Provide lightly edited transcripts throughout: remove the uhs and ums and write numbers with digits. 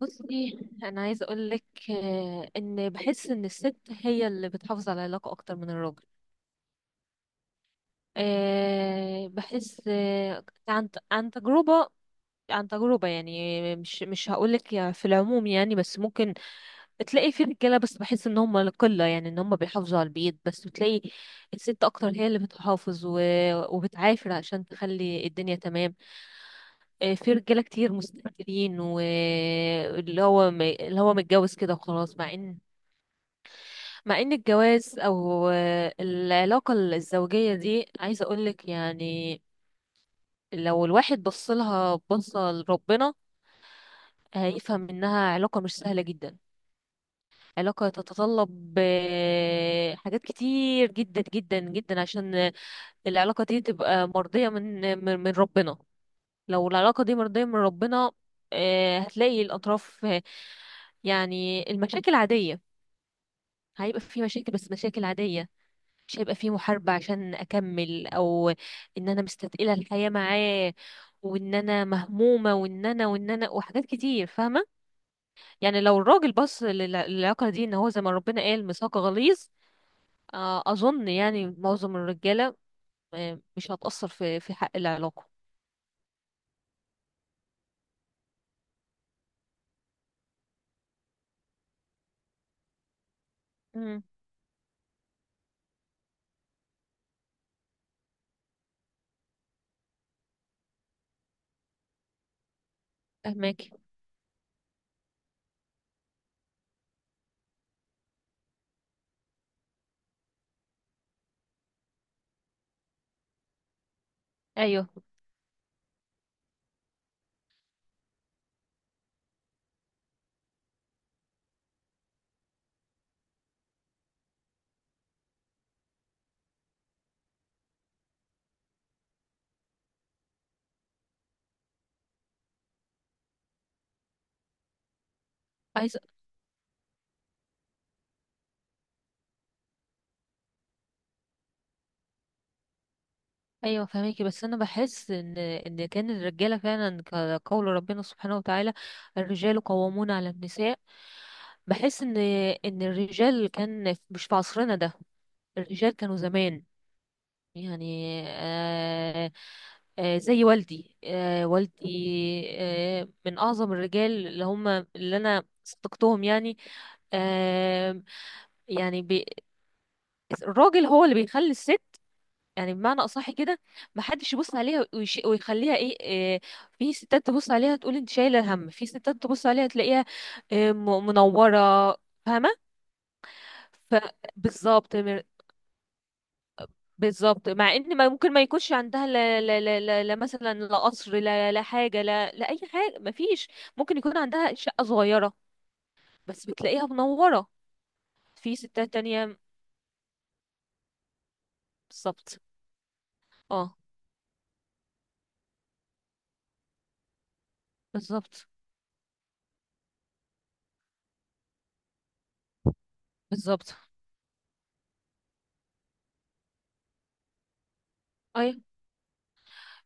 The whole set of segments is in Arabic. بصي، انا عايزه اقول لك ان بحس ان الست هي اللي بتحافظ على العلاقه اكتر من الراجل. بحس، عن تجربه. عن تجربه يعني مش هقول لك في العموم، يعني بس ممكن تلاقي في رجاله، بس بحس ان هم القله، يعني ان هم بيحافظوا على البيت، بس بتلاقي الست اكتر هي اللي بتحافظ وبتعافر عشان تخلي الدنيا تمام. في رجاله كتير مستهترين، واللي هو اللي هو متجوز كده وخلاص. مع ان الجواز او العلاقة الزوجية دي، عايزة اقولك يعني لو الواحد بصلها بصة لربنا، هيفهم انها علاقة مش سهلة جدا. علاقة تتطلب حاجات كتير جدا جدا جدا، عشان العلاقة دي تبقى مرضية من ربنا. لو العلاقة دي مرضية من ربنا، هتلاقي الأطراف يعني المشاكل عادية. هيبقى في مشاكل، بس مشاكل عادية. مش هيبقى فيه محاربة عشان أكمل، أو إن أنا مستثقلة الحياة معاه، وإن أنا مهمومة، وإن أنا وحاجات كتير، فاهمة؟ يعني لو الراجل بص للعلاقة دي إن هو زي ما ربنا قال ميثاق غليظ، أظن يعني معظم الرجالة، مش هتأثر في حق العلاقة. امم، فهماكي. أيوه، عايزة. ايوه فهميكي، بس انا بحس ان ان كان الرجاله فعلا كقول ربنا سبحانه وتعالى، الرجال قوامون على النساء. بحس ان ان الرجال، كان مش في عصرنا ده، الرجال كانوا زمان، يعني، آه، آه زي والدي. آه والدي. من اعظم الرجال اللي هم اللي انا صدقتهم يعني. آه، يعني الراجل هو اللي بيخلي الست، يعني بمعنى اصح كده، ما حدش يبص عليها ويخليها إيه. في ستات تبص عليها تقول انت شايله هم، في ستات تبص عليها تلاقيها إيه، منوره. فاهمه؟ ف- بالظبط مر- بالظبط. مع ان ما ممكن ما يكونش عندها لا مثلا، لا قصر، لا حاجه، لا اي حاجه، ما فيش. ممكن يكون عندها شقه صغيره، بس بتلاقيها منوره. في ستات تانية. بالظبط. اه. بالظبط. بالظبط. اي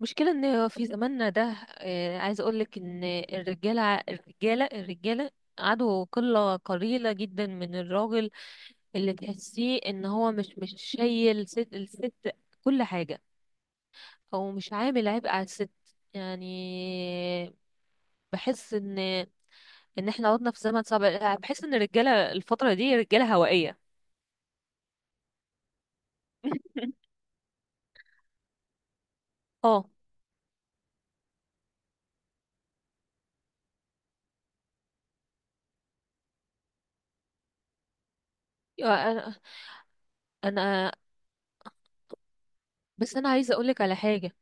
مشكلة ان في زماننا ده، عايزة اقولك ان الرجالة، الرجالة عدو قلة قليلة جدا من الراجل اللي تحسيه ان هو مش شايل ست، الست كل حاجة، او مش عامل عبء على الست، يعني. بحس ان ان احنا عدنا في زمن صعب. بحس ان الرجالة الفترة دي رجالة هوائية. اه. أنا أنا- بس انا عايزه اقولك على حاجه.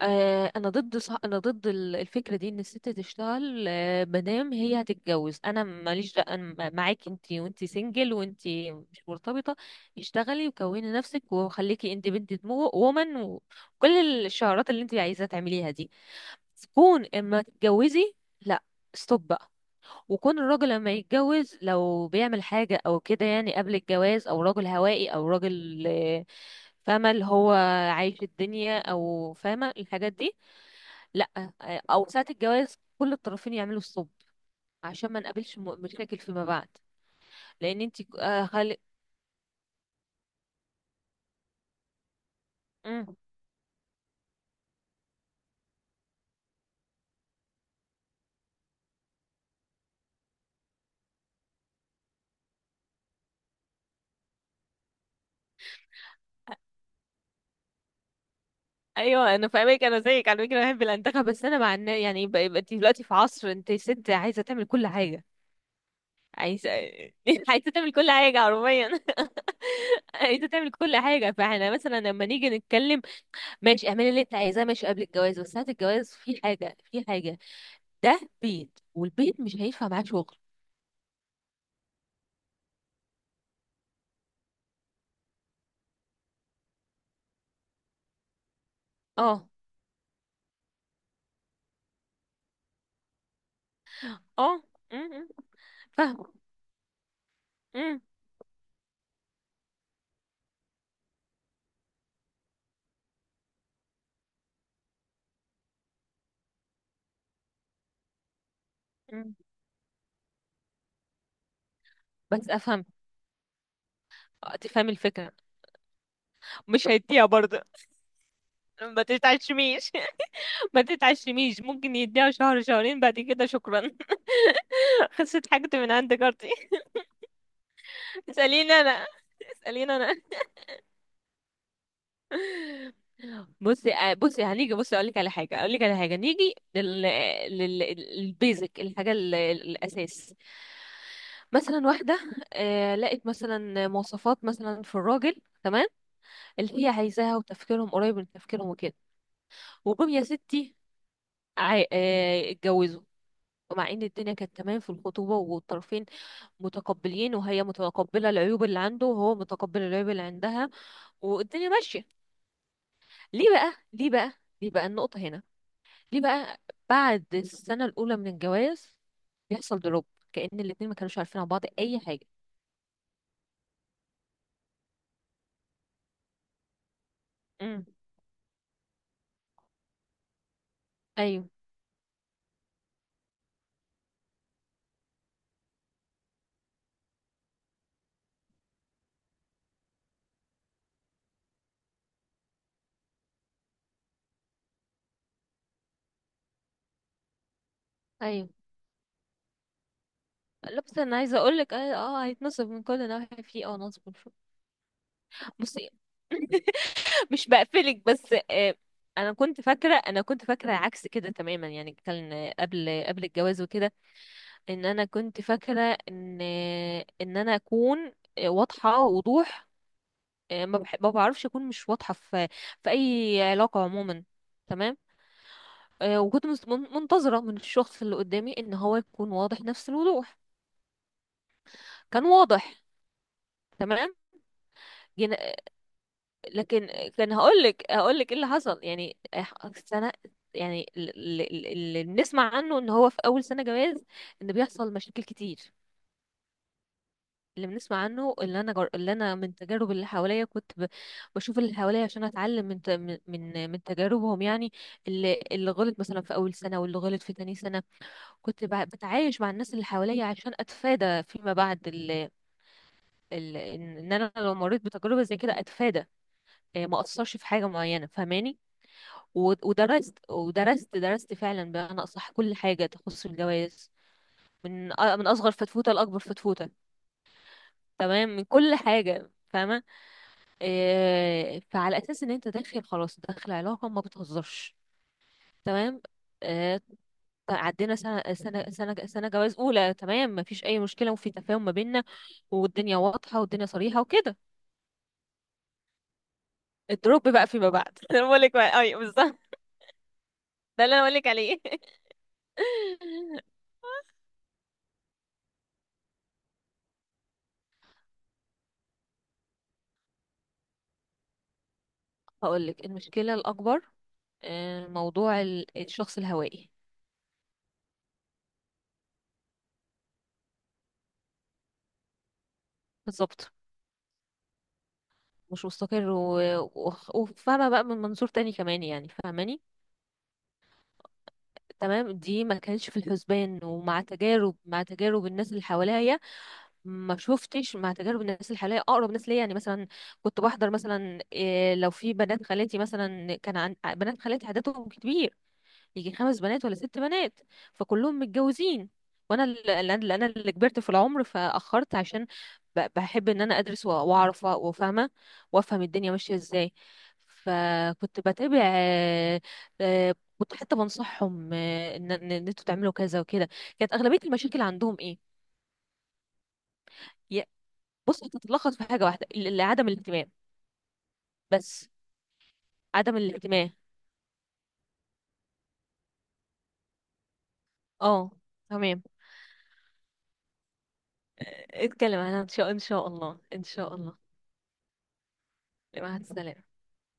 انا ضد الفكره دي، ان الست تشتغل. مادام هي هتتجوز، انا ماليش معاكي انت وانت سنجل وانت مش مرتبطه. اشتغلي وكوني نفسك وخليكي اندبندنت وومن وكل الشعارات اللي انت عايزه تعمليها دي. كون اما تتجوزي، لا، ستوب بقى. وكون الراجل لما يتجوز، لو بيعمل حاجه او كده يعني قبل الجواز، او راجل هوائي، او راجل فاهمه اللي هو عايش الدنيا، او فاهمه الحاجات دي، لا. او ساعة الجواز كل الطرفين يعملوا الصب، عشان ما نقابلش مشاكل فيما بعد. لان انت آه خالق. مم. ايوه انا فاهمك، انا زيك على فكره بحب الانتخاب، بس انا مع يعني يبقى انت دلوقتي في عصر، انت ست عايزه تعمل كل حاجه. عايزه. عايزه تعمل كل حاجه حرفيا. عايزه تعمل كل حاجه. فاحنا مثلا لما نيجي نتكلم، ماشي، اعملي اللي انت عايزاه، ماشي قبل الجواز، بس ساعه الجواز في حاجه، في حاجه. ده بيت، والبيت مش هينفع معاه شغل. اه. اه. م- م. فاهمة. مم. مم. بس افهم. تفهم الفكرة. مش هيديها برضه. ما تتعشميش. ما تتعشميش، ممكن يديها شهر شهرين، بعد كده شكرا. خسرت حاجتي من عند جارتي. اسأليني انا. اسأليني انا. بصي، آه، بصي هنيجي بصي اقول لك على حاجة، اقول لك على حاجة. نيجي لل البيزك، الحاجة الاساس. مثلا واحدة، لقت مثلا مواصفات مثلا في الراجل تمام، اللي هي عايزاها، وتفكيرهم قريب من تفكيرهم وكده. وجم يا ستي، اتجوزوا. ومع ان الدنيا كانت تمام في الخطوبة، والطرفين متقبلين، وهي متقبلة العيوب اللي عنده، وهو متقبل العيوب اللي عندها، والدنيا ماشية. ليه بقى؟ ليه بقى؟ ليه بقى؟ النقطة هنا، ليه بقى بعد السنة الأولى من الجواز بيحصل دروب؟ كأن الاتنين ما كانوش عارفين عن بعض أي حاجة. امم. ايوه. ايوه. لا، بس انا عايزه اقول لك، هيتنصب من كل ناحيه، في اه نصب وشو. بصي، مش بقفلك، بس آه، انا كنت فاكره، انا كنت فاكره عكس كده تماما يعني، كان قبل الجواز وكده، ان انا كنت فاكره ان ان انا اكون واضحه وضوح. ما بعرفش اكون مش واضحه في في اي علاقه عموما، تمام. منتظره من الشخص اللي قدامي ان هو يكون واضح نفس الوضوح. كان واضح، تمام. لكن كان هقولك ايه اللي حصل، يعني سنة. يعني اللي بنسمع عنه ان هو في اول سنة جواز ان بيحصل مشاكل كتير. اللي بنسمع عنه، اللي انا اللي انا من تجارب اللي حواليا، كنت بشوف اللي حواليا عشان اتعلم من ت... من من من تجاربهم، يعني، اللي غلط مثلا في اول سنة، واللي غلط في تاني سنة. كنت بتعايش مع الناس اللي حواليا عشان اتفادى فيما بعد، ال... ال... ان إن انا لو مريت بتجربة زي كده اتفادى، ما اثرش في حاجة معينة، فاهماني؟ و- ودرست، درست فعلا بمعنى أصح كل حاجة تخص الجواز، من من أصغر فتفوتة لأكبر فتفوتة، تمام، من كل حاجة، فاهمة؟ إيه، فعلى أساس إن أنت داخل خلاص، داخل علاقة ما بتهزرش، تمام. إيه، عدينا سنة، سنة جواز أولى، تمام، مفيش أي مشكلة، وفي تفاهم ما بيننا، والدنيا واضحة، والدنيا صريحة وكده. الدروب بقى فيما بعد. أنا بقولك بقى، أيوة بالظبط، ده اللي أنا بقولك عليه. هقولك المشكلة الأكبر، موضوع الشخص الهوائي. بالظبط، مش مستقر، و- و- وفاهمة بقى من منظور تاني كمان، يعني فاهماني؟ تمام، دي ما كانتش في الحسبان. ومع تجارب، مع تجارب الناس اللي حواليا، ما شفتش. مع تجارب الناس اللي حواليا، اقرب ناس ليا يعني، مثلا كنت بحضر مثلا إيه، لو في بنات خالاتي مثلا، كان عن بنات خالاتي عددهم كبير، يجي خمس بنات ولا ست بنات، فكلهم متجوزين. وانا اللي كبرت في العمر فاخرت عشان بحب ان انا ادرس واعرف وفاهمه، وافهم الدنيا ماشيه ازاي. فكنت بتابع، كنت حتى بنصحهم، آه، ان ان إن انتوا تعملوا كذا وكده. كانت اغلبيه المشاكل عندهم ايه؟ يا- بص، هتتلخص في حاجه واحده، عدم الاهتمام، بس. عدم الاهتمام. اه. تمام. اتكلم عنها ان شاء الله، ان شاء الله. مع السلامه.